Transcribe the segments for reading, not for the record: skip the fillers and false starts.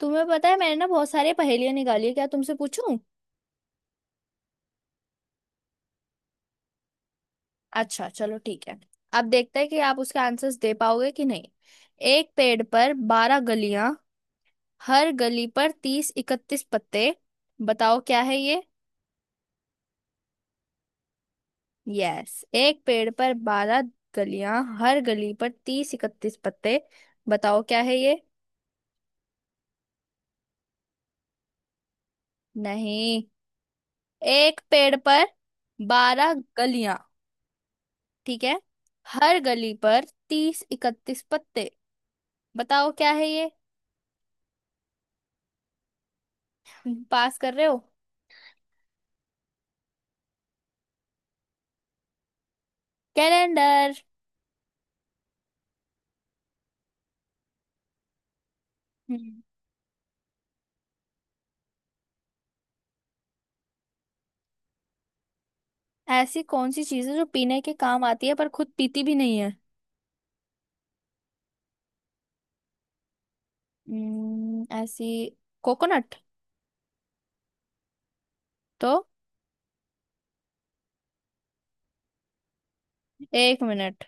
तुम्हें पता है मैंने ना बहुत सारे पहेलियां निकाली है। क्या तुमसे पूछूं? अच्छा, चलो ठीक है। अब देखते हैं कि आप उसके आंसर्स दे पाओगे कि नहीं। एक पेड़ पर 12 गलियां, हर गली पर 30 31 पत्ते। बताओ क्या है ये? यस, एक पेड़ पर 12 गलियां, हर गली पर तीस इकतीस पत्ते। बताओ क्या है ये? नहीं। एक पेड़ पर बारह गलियां। ठीक है। हर गली पर 30 इकतीस पत्ते। बताओ क्या है ये? पास कर रहे हो? कैलेंडर। हम्म। ऐसी कौन सी चीज है जो पीने के काम आती है पर खुद पीती भी नहीं है? ऐसी। कोकोनट। तो? एक मिनट।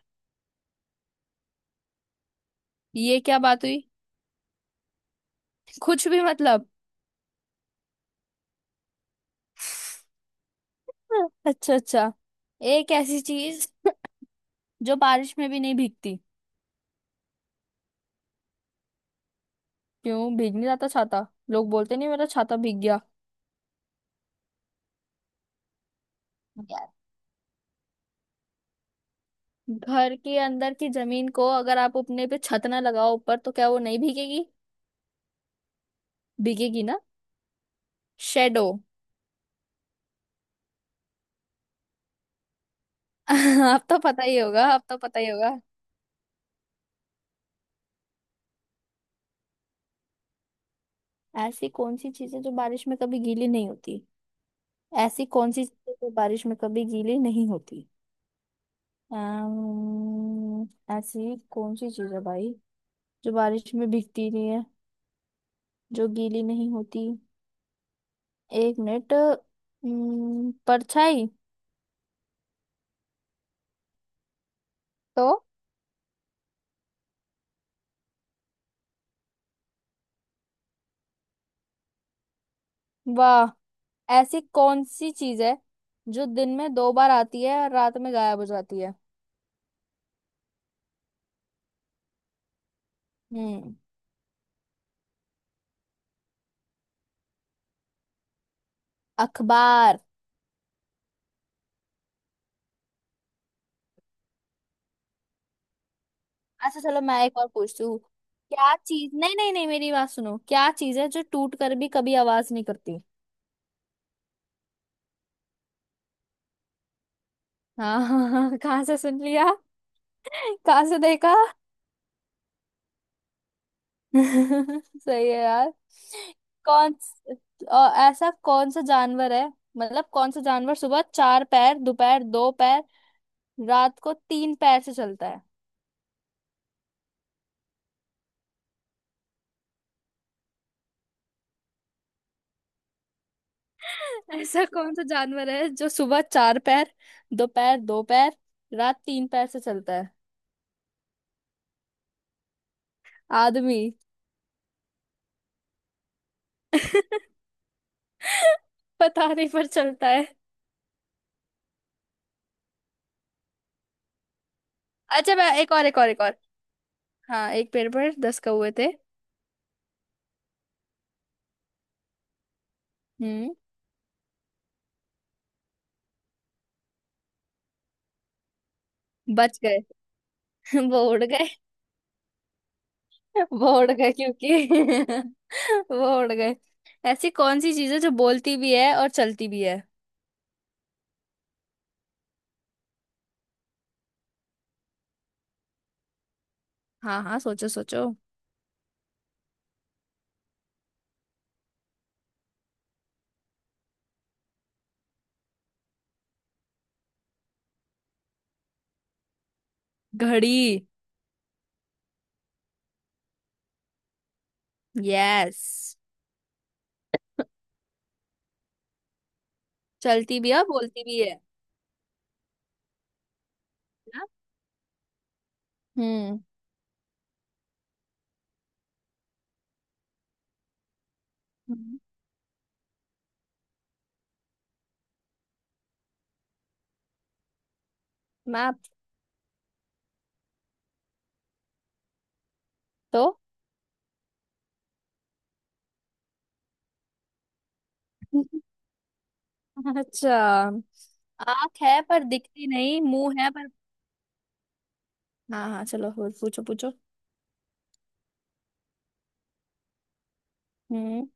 ये क्या बात हुई? कुछ भी, मतलब। अच्छा अच्छा। एक ऐसी चीज जो बारिश में भी नहीं भीगती। क्यों भीग नहीं जाता छाता? लोग बोलते नहीं मेरा छाता भीग गया? यार, घर के अंदर की जमीन को अगर आप अपने पे छत ना लगाओ ऊपर तो क्या वो नहीं भीगेगी? भीगेगी ना। शेडो। अब तो पता ही होगा, अब तो पता ही होगा। ऐसी कौन सी चीजें जो बारिश में कभी गीली नहीं होती? ऐसी कौन सी चीजें जो बारिश में कभी गीली नहीं होती? अम्म, ऐसी कौन सी चीज है भाई जो बारिश में भीगती नहीं है, जो गीली नहीं होती? एक मिनट। परछाई। तो? वाह। ऐसी कौन सी चीज है जो दिन में दो बार आती है और रात में गायब हो जाती है? हम्म। अखबार। अच्छा चलो मैं एक और पूछती हूँ। क्या चीज, नहीं नहीं नहीं, मेरी बात सुनो, क्या चीज है जो टूट कर भी कभी आवाज नहीं करती? हाँ हाँ हाँ हाँ, कहाँ से सुन लिया? कहाँ से देखा? सही है यार। कौन स- ऐसा कौन सा जानवर है? मतलब कौन सा जानवर सुबह चार पैर, दोपहर दो पैर, रात को तीन पैर से चलता है? ऐसा कौन सा जानवर है जो सुबह चार पैर, दोपहर दो पैर, रात तीन पैर से चलता है? आदमी। पता नहीं पर चलता है। अच्छा मैं एक और एक और एक और। हाँ, एक पेड़ पर 10 कौवे थे। हम्म। बच गए। वो उड़ गए। वो उड़ गए क्योंकि। वो उड़ गए। ऐसी कौन सी चीज है जो बोलती भी है और चलती भी है? हाँ हाँ, सोचो सोचो। घड़ी। यस। चलती भी है और बोलती भी है। ना? हम्म। हम्म। मैप। तो? अच्छा। आंख है पर दिखती नहीं, मुंह है पर। हाँ हाँ, चलो और पूछो पूछो। हम्म।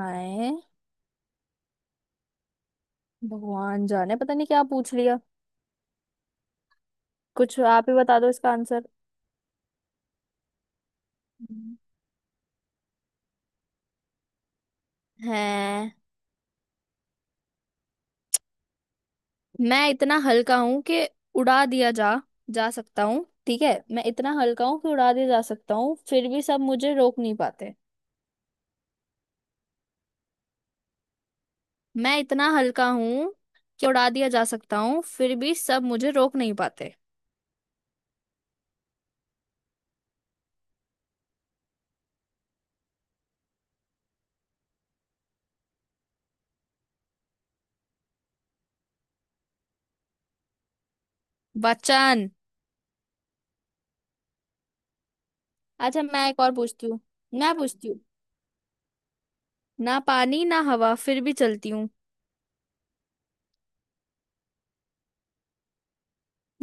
आए। भगवान जाने पता नहीं क्या पूछ लिया। कुछ आप ही बता दो इसका आंसर। हम्म। है। मैं इतना हल्का हूं कि उड़ा दिया जा जा सकता हूँ, ठीक है। मैं इतना हल्का हूँ कि उड़ा दिया जा सकता हूँ फिर भी सब मुझे रोक नहीं पाते। मैं इतना हल्का हूँ कि उड़ा दिया जा सकता हूँ फिर भी सब मुझे रोक नहीं पाते। वचन। अच्छा मैं एक और पूछती हूँ। मैं पूछती हूँ, ना पानी ना हवा फिर भी चलती हूँ।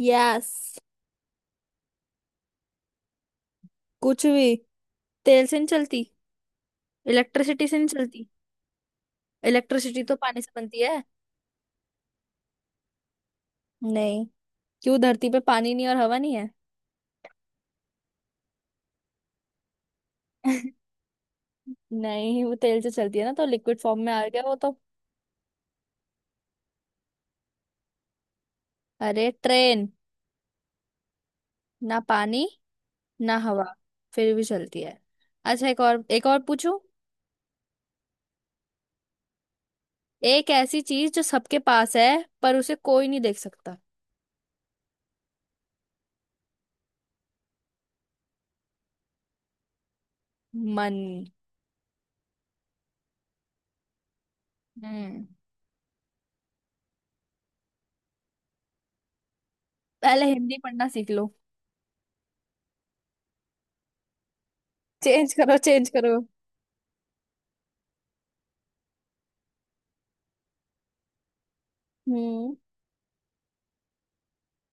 यस। कुछ भी। तेल से नहीं चलती, इलेक्ट्रिसिटी से नहीं चलती। इलेक्ट्रिसिटी तो पानी से बनती है। नहीं। क्यों, धरती पे पानी नहीं और हवा नहीं है? नहीं, वो तेल से चलती है ना, तो लिक्विड फॉर्म में आ गया वो तो। अरे, ट्रेन। ना पानी ना हवा फिर भी चलती है। अच्छा एक और पूछूं। एक ऐसी चीज जो सबके पास है पर उसे कोई नहीं देख सकता। मन। हम्म। पहले हिंदी पढ़ना सीख लो। चेंज करो चेंज करो। हम्म।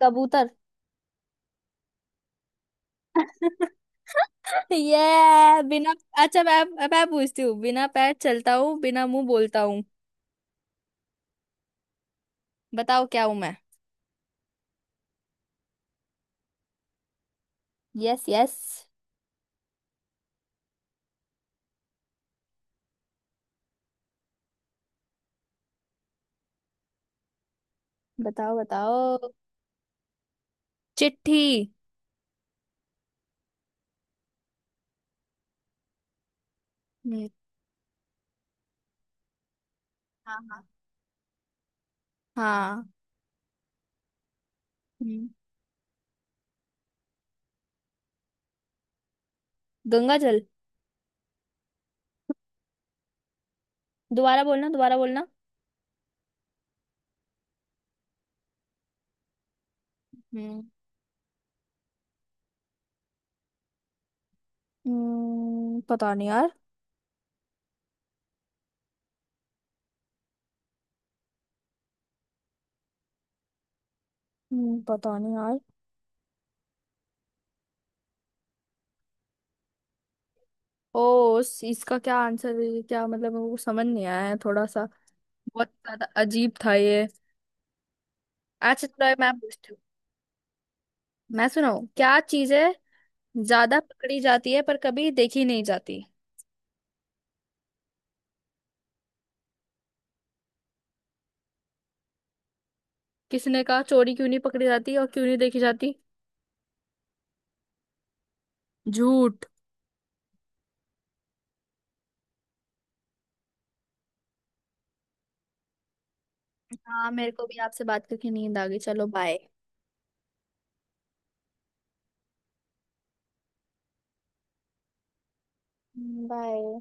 कबूतर। ये बिना। अच्छा मैं। अब मैं पूछती हूँ, बिना पैर चलता हूँ बिना मुंह बोलता हूँ। बताओ क्या हूँ मैं? यस यस, बताओ बताओ। चिट्ठी। हम्म, हाँ हाँ हाँ। हम्म। गंगा जल। दोबारा बोलना दोबारा बोलना। हम्म। पता नहीं यार। पता नहीं यार। ओ इसका क्या आंसर है ये? क्या मतलब, मेरे को समझ नहीं आया है थोड़ा सा। बहुत ज्यादा अजीब था ये। अच्छा थोड़ा मैं पूछती हूँ। मैं सुनाऊँ, क्या चीज है ज्यादा पकड़ी जाती है पर कभी देखी नहीं जाती? किसी ने कहा, चोरी क्यों नहीं पकड़ी जाती और क्यों नहीं देखी जाती? झूठ। हाँ मेरे को भी आपसे बात करके नींद आ गई। चलो बाय। बाय।